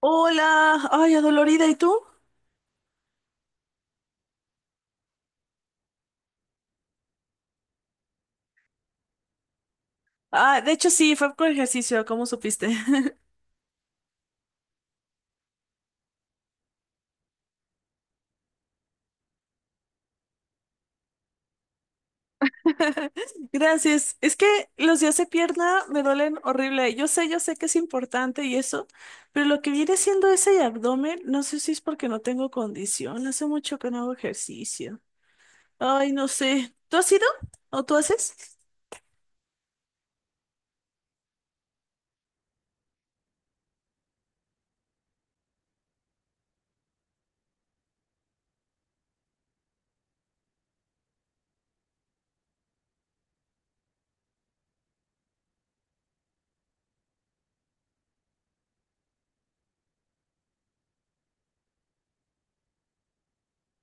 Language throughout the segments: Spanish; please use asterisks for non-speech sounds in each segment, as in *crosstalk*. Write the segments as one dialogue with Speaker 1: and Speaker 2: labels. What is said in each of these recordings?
Speaker 1: Hola, ay, adolorida, ¿y tú? Ah, de hecho sí, fue con ejercicio, ¿cómo supiste? *laughs* Gracias. Es que los días de pierna me duelen horrible. Yo sé que es importante y eso, pero lo que viene siendo ese abdomen, no sé si es porque no tengo condición. Hace mucho que no hago ejercicio. Ay, no sé. ¿Tú has ido? ¿O tú haces?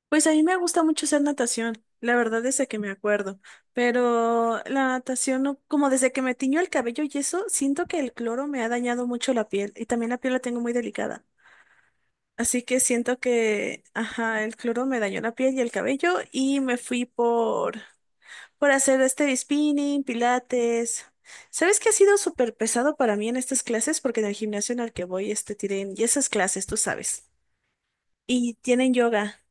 Speaker 1: Pues a mí me gusta mucho hacer natación, la verdad desde que me acuerdo, pero la natación, como desde que me tiñó el cabello y eso, siento que el cloro me ha dañado mucho la piel y también la piel la tengo muy delicada. Así que siento que, ajá, el cloro me dañó la piel y el cabello y me fui por hacer este spinning, pilates. ¿Sabes qué ha sido súper pesado para mí en estas clases? Porque en el gimnasio en el que voy, este, tienen, y esas clases, tú sabes, y tienen yoga.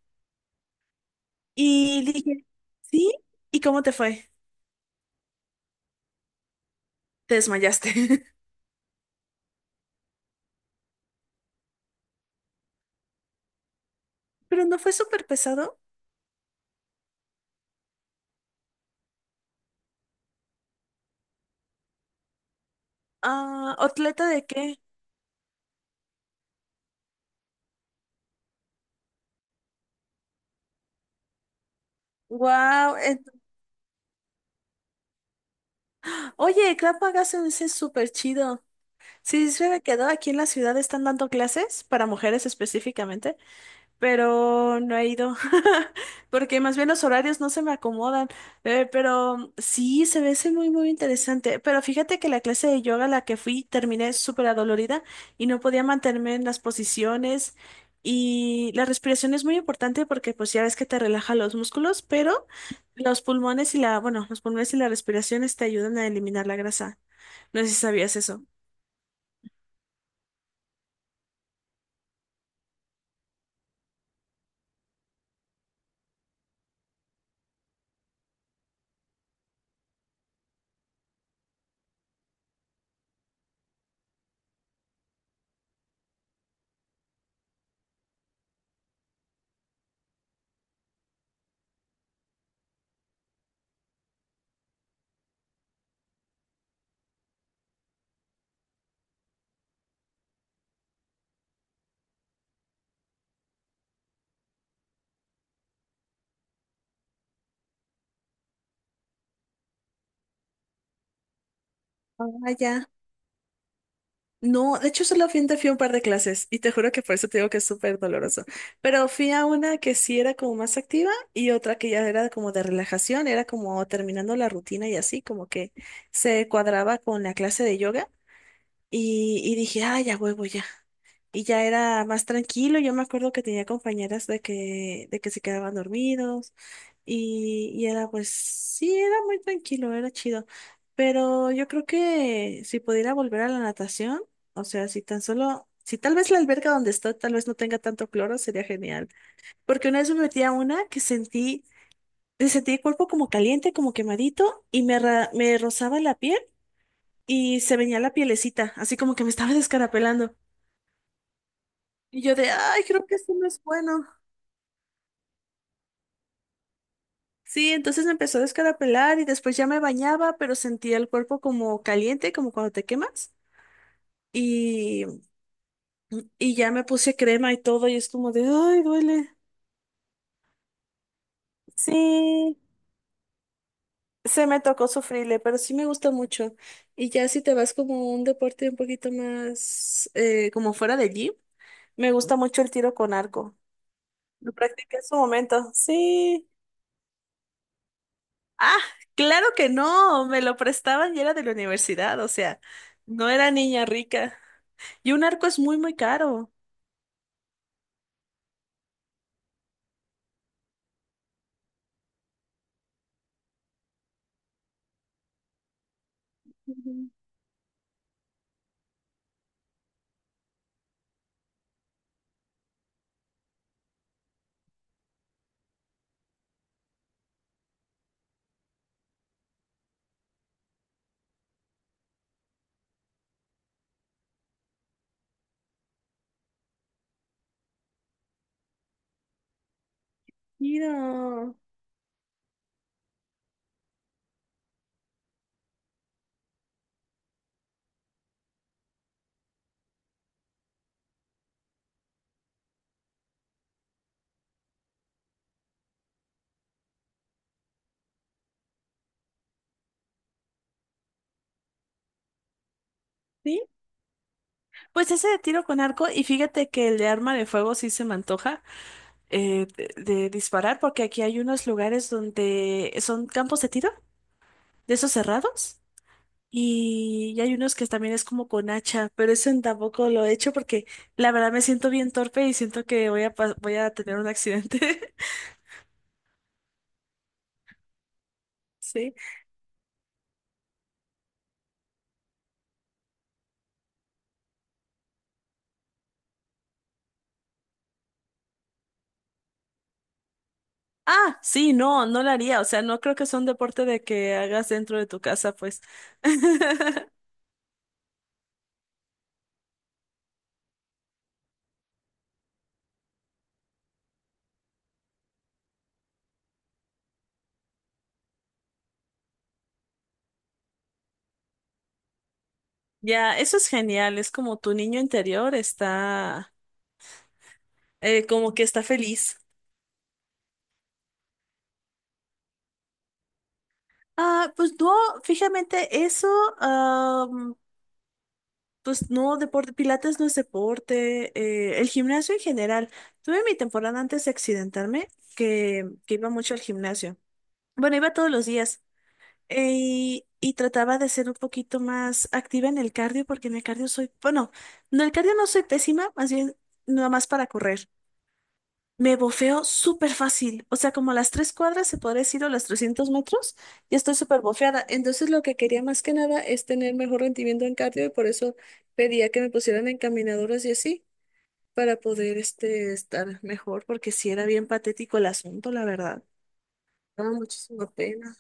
Speaker 1: Y dije, ¿sí? ¿Y cómo te fue? Te desmayaste. *laughs* Pero no fue súper pesado. Ah, ¿atleta de qué? Wow. Oye, Krav se ese es súper chido. Sí, se me quedó aquí en la ciudad, están dando clases para mujeres específicamente, pero no he ido, *laughs* porque más bien los horarios no se me acomodan. Pero sí, se ve ese muy interesante, pero fíjate que la clase de yoga a la que fui terminé súper adolorida y no podía mantenerme en las posiciones y la respiración es muy importante porque pues ya ves que te relaja los músculos, pero los pulmones y la, bueno, los pulmones y la respiración te ayudan a eliminar la grasa. No sé si sabías eso. Ah, ya. No, de hecho solamente fui a un par de clases y te juro que por eso te digo que es súper doloroso. Pero fui a una que sí era como más activa y otra que ya era como de relajación, era como terminando la rutina y así, como que se cuadraba con la clase de yoga y dije, ah, ya huevo, ya. Y ya era más tranquilo, yo me acuerdo que tenía compañeras de que se quedaban dormidos y era pues, sí, era muy tranquilo, era chido. Pero yo creo que si pudiera volver a la natación, o sea, si tan solo, si tal vez la alberca donde estoy tal vez no tenga tanto cloro, sería genial. Porque una vez me metí a una que sentí el cuerpo como caliente, como quemadito, me rozaba la piel y se venía la pielecita, así como que me estaba *laughs* descarapelando. Y yo de, ay, creo que esto no es bueno. Sí, entonces me empezó a descarapelar y después ya me bañaba, pero sentía el cuerpo como caliente, como cuando te quemas. Y, y ya me puse crema y todo y es como de, ay, duele. Sí, se me tocó sufrirle, pero sí me gusta mucho. Y ya si te vas como a un deporte un poquito más, como fuera de allí, me gusta mucho el tiro con arco. Lo practiqué en su momento. Sí. Ah, claro que no, me lo prestaban y era de la universidad, o sea, no era niña rica. Y un arco es muy caro. Ujú. Tiro. ¿Sí? Pues ese de tiro con arco, y fíjate que el de arma de fuego sí se me antoja de disparar, porque aquí hay unos lugares donde son campos de tiro, de esos cerrados, y hay unos que también es como con hacha, pero eso tampoco lo he hecho porque la verdad me siento bien torpe y siento que voy voy a tener un accidente. *laughs* Sí. Ah, sí, no, no lo haría. O sea, no creo que sea un deporte de que hagas dentro de tu casa, pues. *laughs* Ya, eso es genial. Es como tu niño interior está, como que está feliz. Ah, pues no, fíjate, am, pues no, deporte, Pilates no es deporte, el gimnasio en general. Tuve mi temporada antes de accidentarme que iba mucho al gimnasio. Bueno, iba todos los días. Y trataba de ser un poquito más activa en el cardio, porque en el cardio soy, bueno, no, el cardio no soy pésima, más bien nada más para correr. Me bofeo súper fácil, o sea, como las 3 cuadras se podría decir o las 300 metros, ya estoy súper bofeada. Entonces lo que quería más que nada es tener mejor rendimiento en cardio y por eso pedía que me pusieran en caminadoras y así, para poder este, estar mejor, porque sí era bien patético el asunto, la verdad. Daba muchísima pena.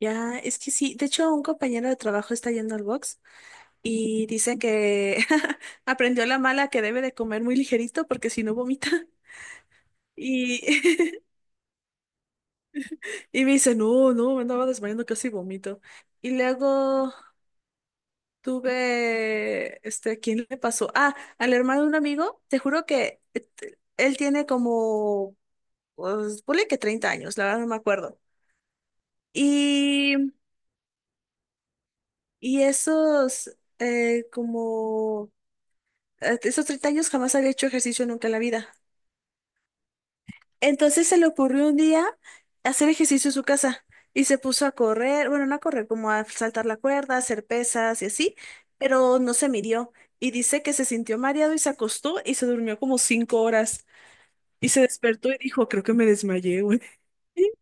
Speaker 1: Ya, es que sí. De hecho, un compañero de trabajo está yendo al box y dice que *laughs* aprendió la mala que debe de comer muy ligerito porque si no vomita. Y, *laughs* y me dice, no, no, me andaba desmayando casi vomito. Y luego tuve, este, ¿quién le pasó? Ah, al hermano de un amigo, te juro que él tiene como, pues, ponle que 30 años, la verdad no me acuerdo. Y, y esos, eh, como... esos 30 años jamás había hecho ejercicio nunca en la vida. Entonces se le ocurrió un día hacer ejercicio en su casa y se puso a correr, bueno, no a correr, como a saltar la cuerda, hacer pesas y así, pero no se midió y dice que se sintió mareado y se acostó y se durmió como 5 horas y se despertó y dijo, creo que me desmayé, güey. *laughs*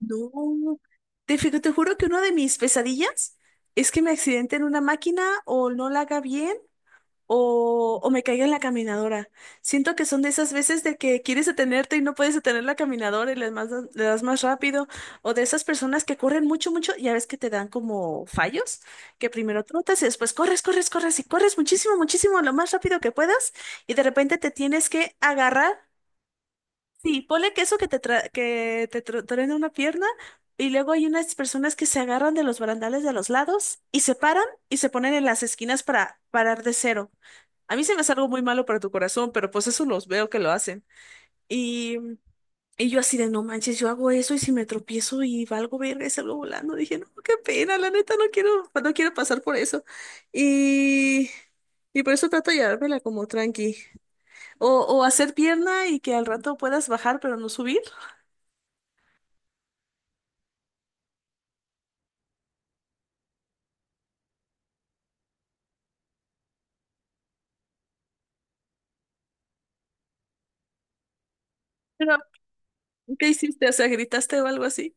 Speaker 1: No, te juro que una de mis pesadillas es que me accidente en una máquina o no la haga bien o me caiga en la caminadora. Siento que son de esas veces de que quieres detenerte y no puedes detener la caminadora y le das más rápido, o de esas personas que corren mucho, mucho, ya ves que te dan como fallos, que primero trotas y después corres, corres, corres y corres muchísimo, muchísimo, lo más rápido que puedas y de repente te tienes que agarrar. Sí, ponle que eso que truena una pierna y luego hay unas personas que se agarran de los barandales de los lados y se paran y se ponen en las esquinas para parar de cero. A mí se me hace algo muy malo para tu corazón, pero pues eso los veo que lo hacen. Y, y yo así de, no manches, yo hago eso y si me tropiezo y valgo verga y salgo volando, dije, no, qué pena, la neta, no quiero, no quiero pasar por eso. Y, y por eso trato de llevármela como tranqui. O hacer pierna y que al rato puedas bajar pero no subir. Pero, ¿qué hiciste? O sea, ¿gritaste o algo así?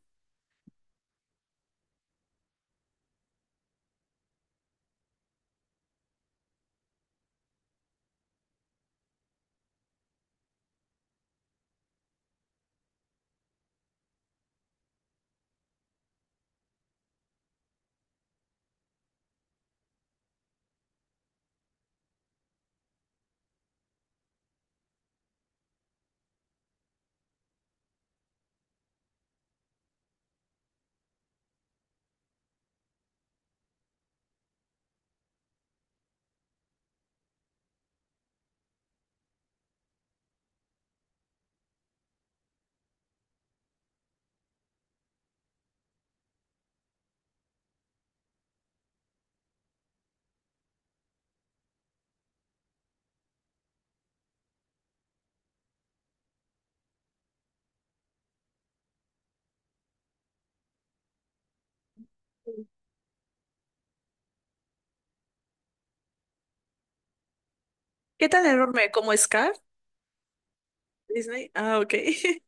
Speaker 1: ¿Qué tan enorme? ¿Como Scar? Disney. Ah, ok. *laughs*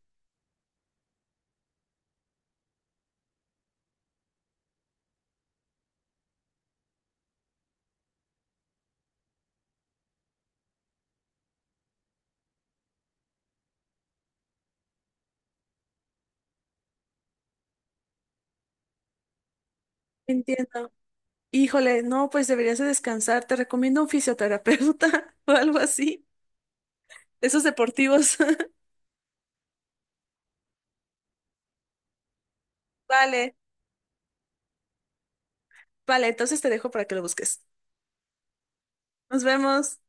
Speaker 1: Entiendo. Híjole, no, pues deberías de descansar. Te recomiendo un fisioterapeuta *laughs* o algo así. Esos deportivos. *laughs* Vale, vale, entonces te dejo para que lo busques. Nos vemos.